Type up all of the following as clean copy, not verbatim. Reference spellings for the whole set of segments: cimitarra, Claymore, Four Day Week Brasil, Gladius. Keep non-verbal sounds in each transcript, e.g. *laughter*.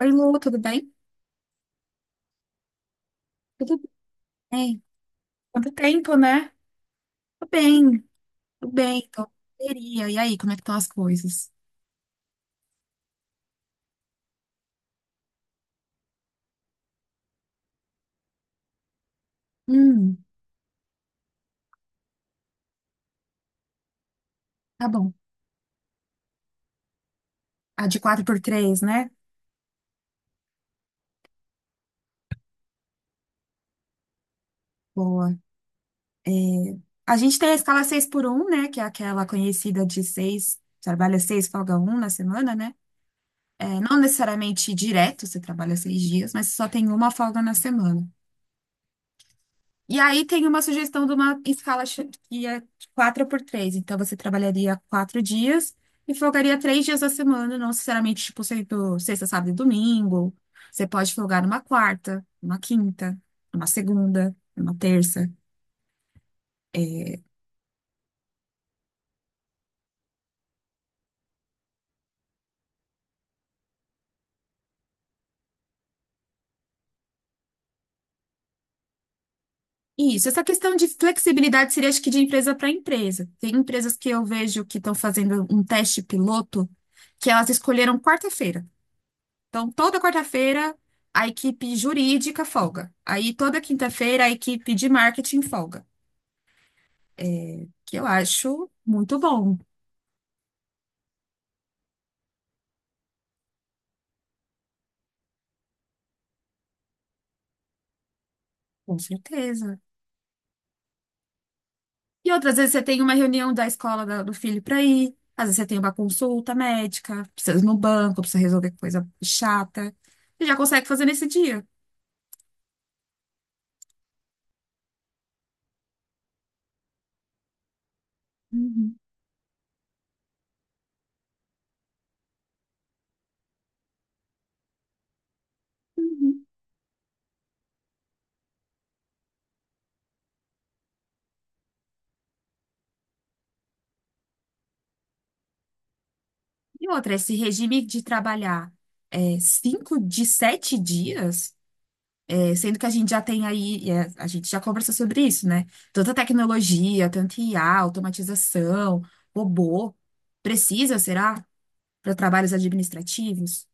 Oi, Lu, tudo bem? Tudo bem. Quanto tempo, né? Tô bem, tô bem, tô correria. E aí, como é que estão as coisas? Hum, tá bom. A de quatro por três, né? Boa. A gente tem a escala seis por um, né? Que é aquela conhecida de 6 trabalha 6, folga um na semana, né? É, não necessariamente direto, você trabalha 6 dias, mas só tem uma folga na semana. E aí tem uma sugestão de uma escala que é 4 por 3. Então você trabalharia quatro dias e folgaria três dias da semana, não necessariamente, tipo, sendo sexta, sábado e domingo. Você pode folgar numa quarta, numa quinta, numa segunda, numa terça. É, isso, essa questão de flexibilidade seria, acho que, de empresa para empresa. Tem empresas que eu vejo que estão fazendo um teste piloto, que elas escolheram quarta-feira. Então, toda quarta-feira, a equipe jurídica folga. Aí, toda quinta-feira, a equipe de marketing folga. Que eu acho muito bom, com certeza. E outras vezes você tem uma reunião da escola do filho para ir. Às vezes você tem uma consulta médica, precisa ir no banco, precisa resolver coisa chata. Você já consegue fazer nesse dia. Uhum. E outra, esse regime de trabalhar cinco de sete dias. É, sendo que a gente já tem aí, a gente já conversou sobre isso, né? Tanta tecnologia, tanto IA, automatização, robô. Precisa, será? Para trabalhos administrativos?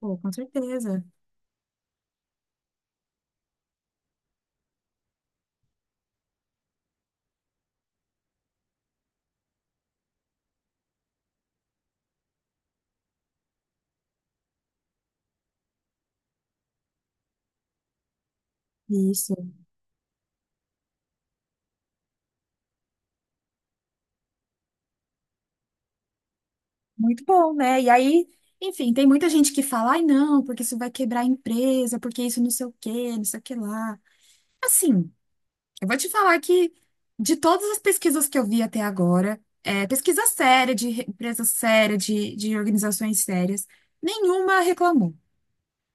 Pô, com certeza. Isso. Muito bom, né? E aí, enfim, tem muita gente que fala, ai, não, porque isso vai quebrar a empresa, porque isso não sei o quê, não sei o que lá. Assim, eu vou te falar que de todas as pesquisas que eu vi até agora, pesquisa séria, empresa séria, de organizações sérias, nenhuma reclamou.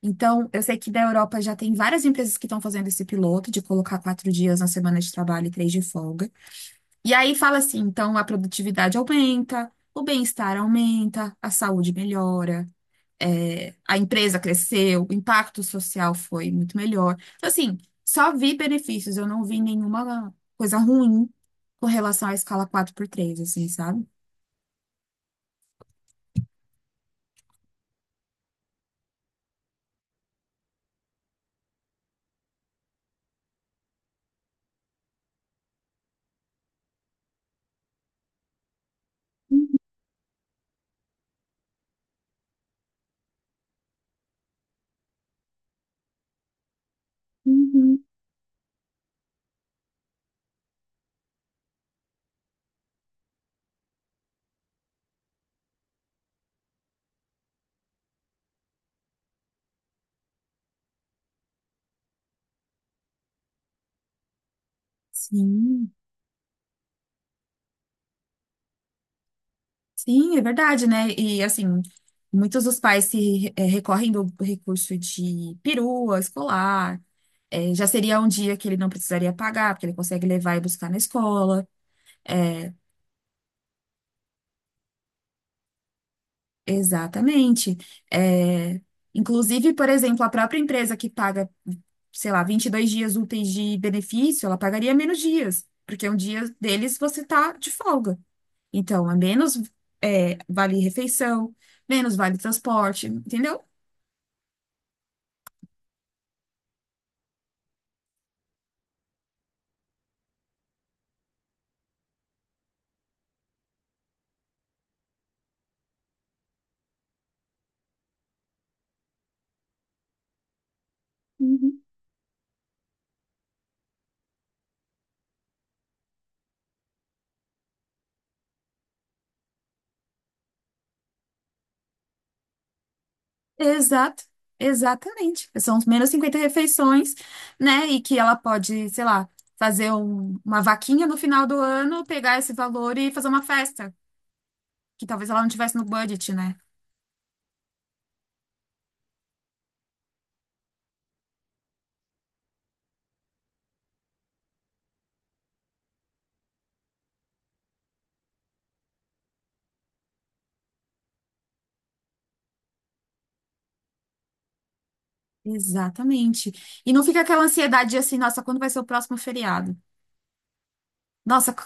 Então, eu sei que da Europa já tem várias empresas que estão fazendo esse piloto de colocar quatro dias na semana de trabalho e três de folga. E aí fala assim, então a produtividade aumenta, o bem-estar aumenta, a saúde melhora, a empresa cresceu, o impacto social foi muito melhor. Então, assim, só vi benefícios, eu não vi nenhuma coisa ruim com relação à escala quatro por três, assim, sabe? Uhum. Sim, sim, é verdade, né? E assim, muitos dos pais se recorrem do recurso de perua escolar. Já seria um dia que ele não precisaria pagar, porque ele consegue levar e buscar na escola. é, Exatamente. É, inclusive, por exemplo, a própria empresa que paga, sei lá, 22 dias úteis de benefício, ela pagaria menos dias, porque um dia deles você está de folga. Então, é menos, vale refeição, menos vale transporte, entendeu? Uhum. Exato, exatamente. São os menos 50 refeições, né? E que ela pode, sei lá, fazer uma vaquinha no final do ano, pegar esse valor e fazer uma festa, que talvez ela não tivesse no budget, né? Exatamente. E não fica aquela ansiedade de assim, nossa, quando vai ser o próximo feriado? Nossa, c-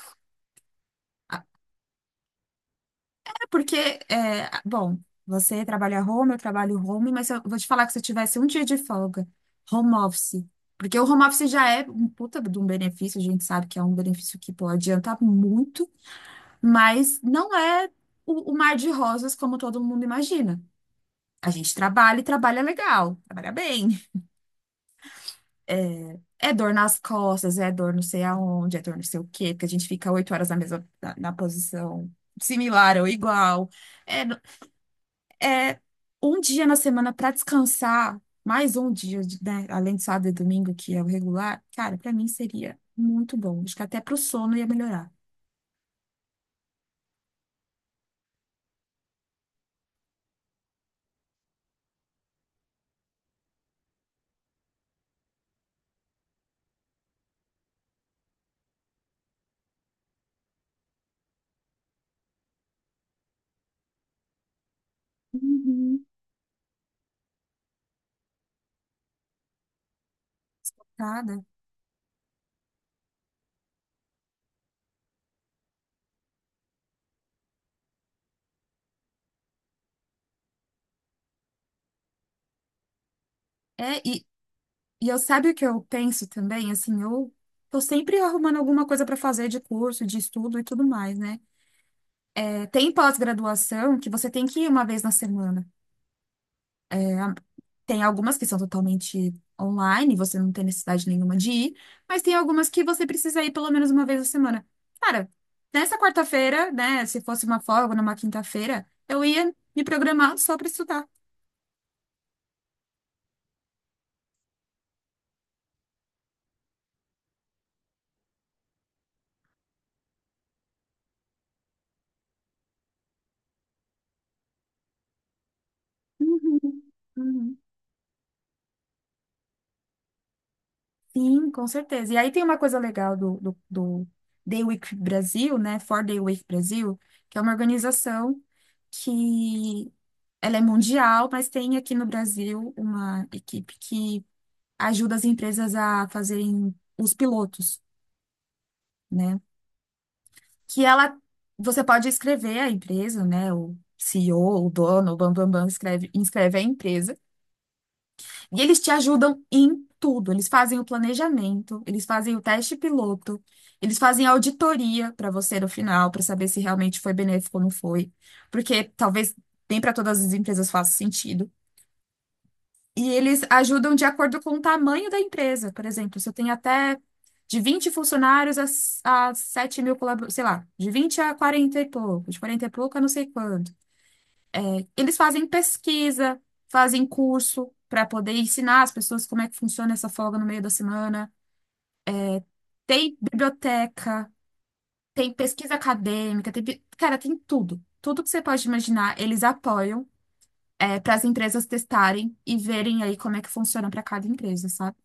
é porque, bom, você trabalha home, eu trabalho home, mas eu vou te falar que se eu tivesse um dia de folga, home office, porque o home office já é um puta de um benefício, a gente sabe que é um benefício que pode adiantar muito, mas não é o mar de rosas como todo mundo imagina. A gente trabalha e trabalha legal, trabalha bem. É dor nas costas, é dor não sei aonde, é dor não sei o quê, porque a gente fica 8 horas na mesma, na posição similar ou igual. É, no- é um dia na semana para descansar, mais um dia, né, além de sábado e domingo, que é o regular, cara, para mim seria muito bom. Acho que até pro sono ia melhorar. Uhum. Nada. É, e eu sabe o que eu penso também, assim, eu tô sempre arrumando alguma coisa para fazer de curso, de estudo e tudo mais, né? Tem pós-graduação que você tem que ir uma vez na semana. É, tem algumas que são totalmente online, você não tem necessidade nenhuma de ir, mas tem algumas que você precisa ir pelo menos uma vez na semana. Cara, nessa quarta-feira, né, se fosse uma folga numa quinta-feira, eu ia me programar só para estudar. Uhum, uhum. Sim, com certeza. E aí tem uma coisa legal do Day Week Brasil, né? For Day Week Brasil, que é uma organização que ela é mundial, mas tem aqui no Brasil uma equipe que ajuda as empresas a fazerem os pilotos, né? Que ela, você pode escrever a empresa, né? O CEO, o dono, o bam, bam, bam, inscreve a empresa. E eles te ajudam em tudo. Eles fazem o planejamento, eles fazem o teste piloto, eles fazem a auditoria para você no final, para saber se realmente foi benéfico ou não foi. Porque talvez nem para todas as empresas faça sentido. E eles ajudam de acordo com o tamanho da empresa. Por exemplo, se eu tenho até de 20 funcionários a 7 mil colaboradores, sei lá, de 20 a 40 e pouco, de 40 e pouco a não sei quanto. Eles fazem pesquisa, fazem curso para poder ensinar as pessoas como é que funciona essa folga no meio da semana. Tem biblioteca, tem pesquisa acadêmica, tem, cara, tem tudo. Tudo que você pode imaginar, eles apoiam, para as empresas testarem e verem aí como é que funciona para cada empresa, sabe?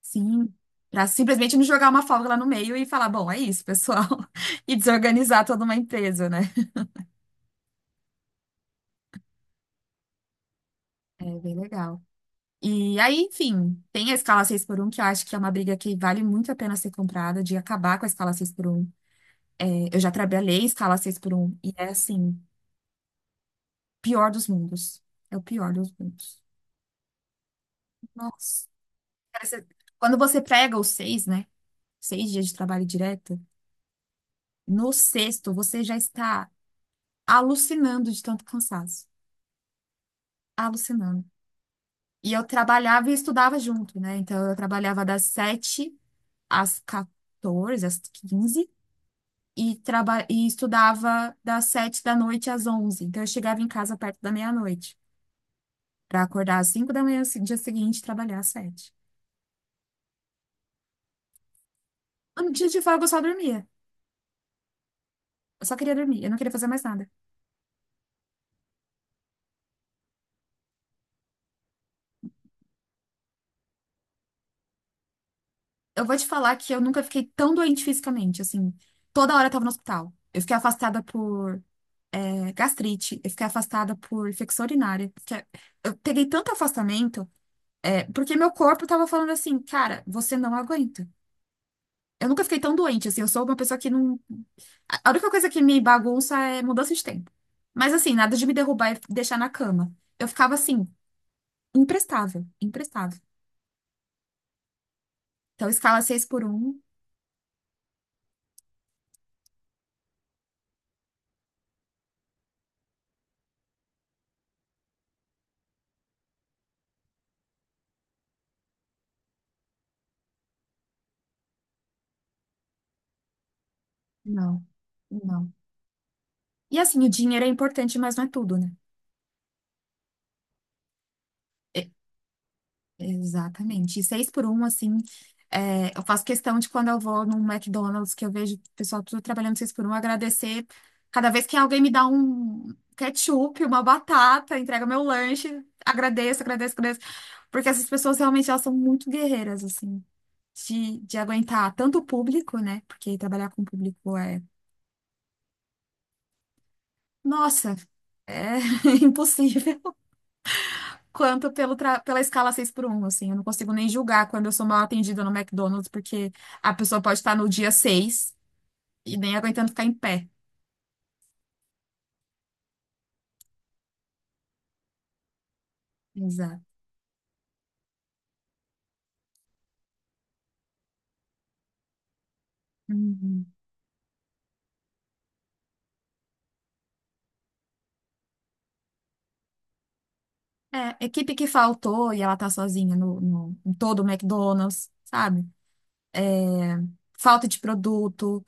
Sim. Para simplesmente não jogar uma folga lá no meio e falar, bom, é isso, pessoal, *laughs* e desorganizar toda uma empresa, né? É bem legal. E aí, enfim, tem a escala seis por um que eu acho que é uma briga que vale muito a pena ser comprada, de acabar com a escala seis por um. É, eu já trabalhei em escala seis por um e é assim, pior dos mundos. É o pior dos mundos. Nossa. Parece- Quando você prega os seis, né? Seis dias de trabalho direto, no sexto você já está alucinando de tanto cansaço. Alucinando. E eu trabalhava e estudava junto, né? Então eu trabalhava das 7 às 14, às 15 e estudava das sete da noite às onze. Então, eu chegava em casa perto da meia-noite, para acordar às cinco da manhã, dia seguinte, e trabalhar às sete. No dia de folga, eu só dormia. Eu só queria dormir, eu não queria fazer mais nada. Eu vou te falar que eu nunca fiquei tão doente fisicamente, assim. Toda hora eu tava no hospital. Eu fiquei afastada por gastrite, eu fiquei afastada por infecção urinária. Eu peguei tanto afastamento, porque meu corpo tava falando assim, cara, você não aguenta. Eu nunca fiquei tão doente, assim, eu sou uma pessoa que não. A única coisa que me bagunça é mudança de tempo. Mas assim, nada de me derrubar e deixar na cama. Eu ficava assim, imprestável, imprestável. Então, escala 6 por um? Não, não. E assim, o dinheiro é importante, mas não é tudo, né? Exatamente. E seis por um, assim, eu faço questão de quando eu vou num McDonald's, que eu vejo o pessoal tudo trabalhando seis por um, agradecer cada vez que alguém me dá um ketchup, uma batata, entrega meu lanche, agradeço, agradeço, agradeço. Porque essas pessoas realmente elas são muito guerreiras, assim, de aguentar tanto o público, né? Porque trabalhar com o público é, nossa, é *laughs* impossível. Quanto pelo pela escala 6 por um, assim. Eu não consigo nem julgar quando eu sou mal atendida no McDonald's, porque a pessoa pode estar no dia 6 e nem aguentando ficar em pé. Exato. Uhum. É, equipe que faltou e ela tá sozinha em todo o McDonald's, sabe? Falta de produto.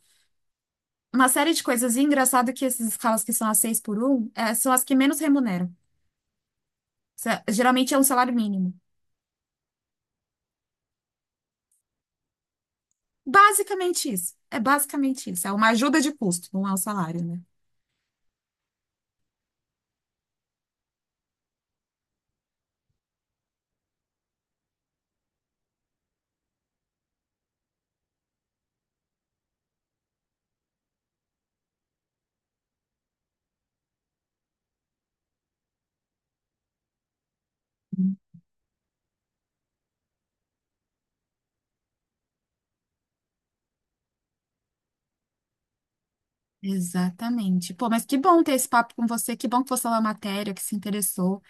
Uma série de coisas. E engraçado que essas escalas que são as 6 por um são as que menos remuneram. Geralmente é um salário mínimo. Basicamente isso. É basicamente isso. É uma ajuda de custo, não é um salário, né? Exatamente. Pô, mas que bom ter esse papo com você, que bom que você leu a matéria, que se interessou.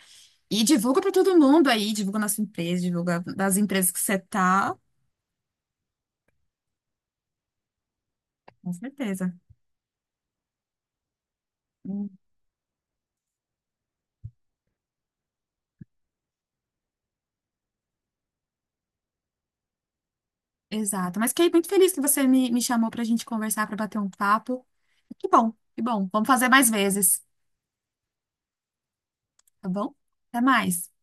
E divulga para todo mundo aí, divulga nossa empresa, divulga das empresas que você tá. Com certeza. Hum. Exato. Mas fiquei muito feliz que você me chamou para a gente conversar, para bater um papo. Que bom, que bom. Vamos fazer mais vezes, tá bom? Até mais.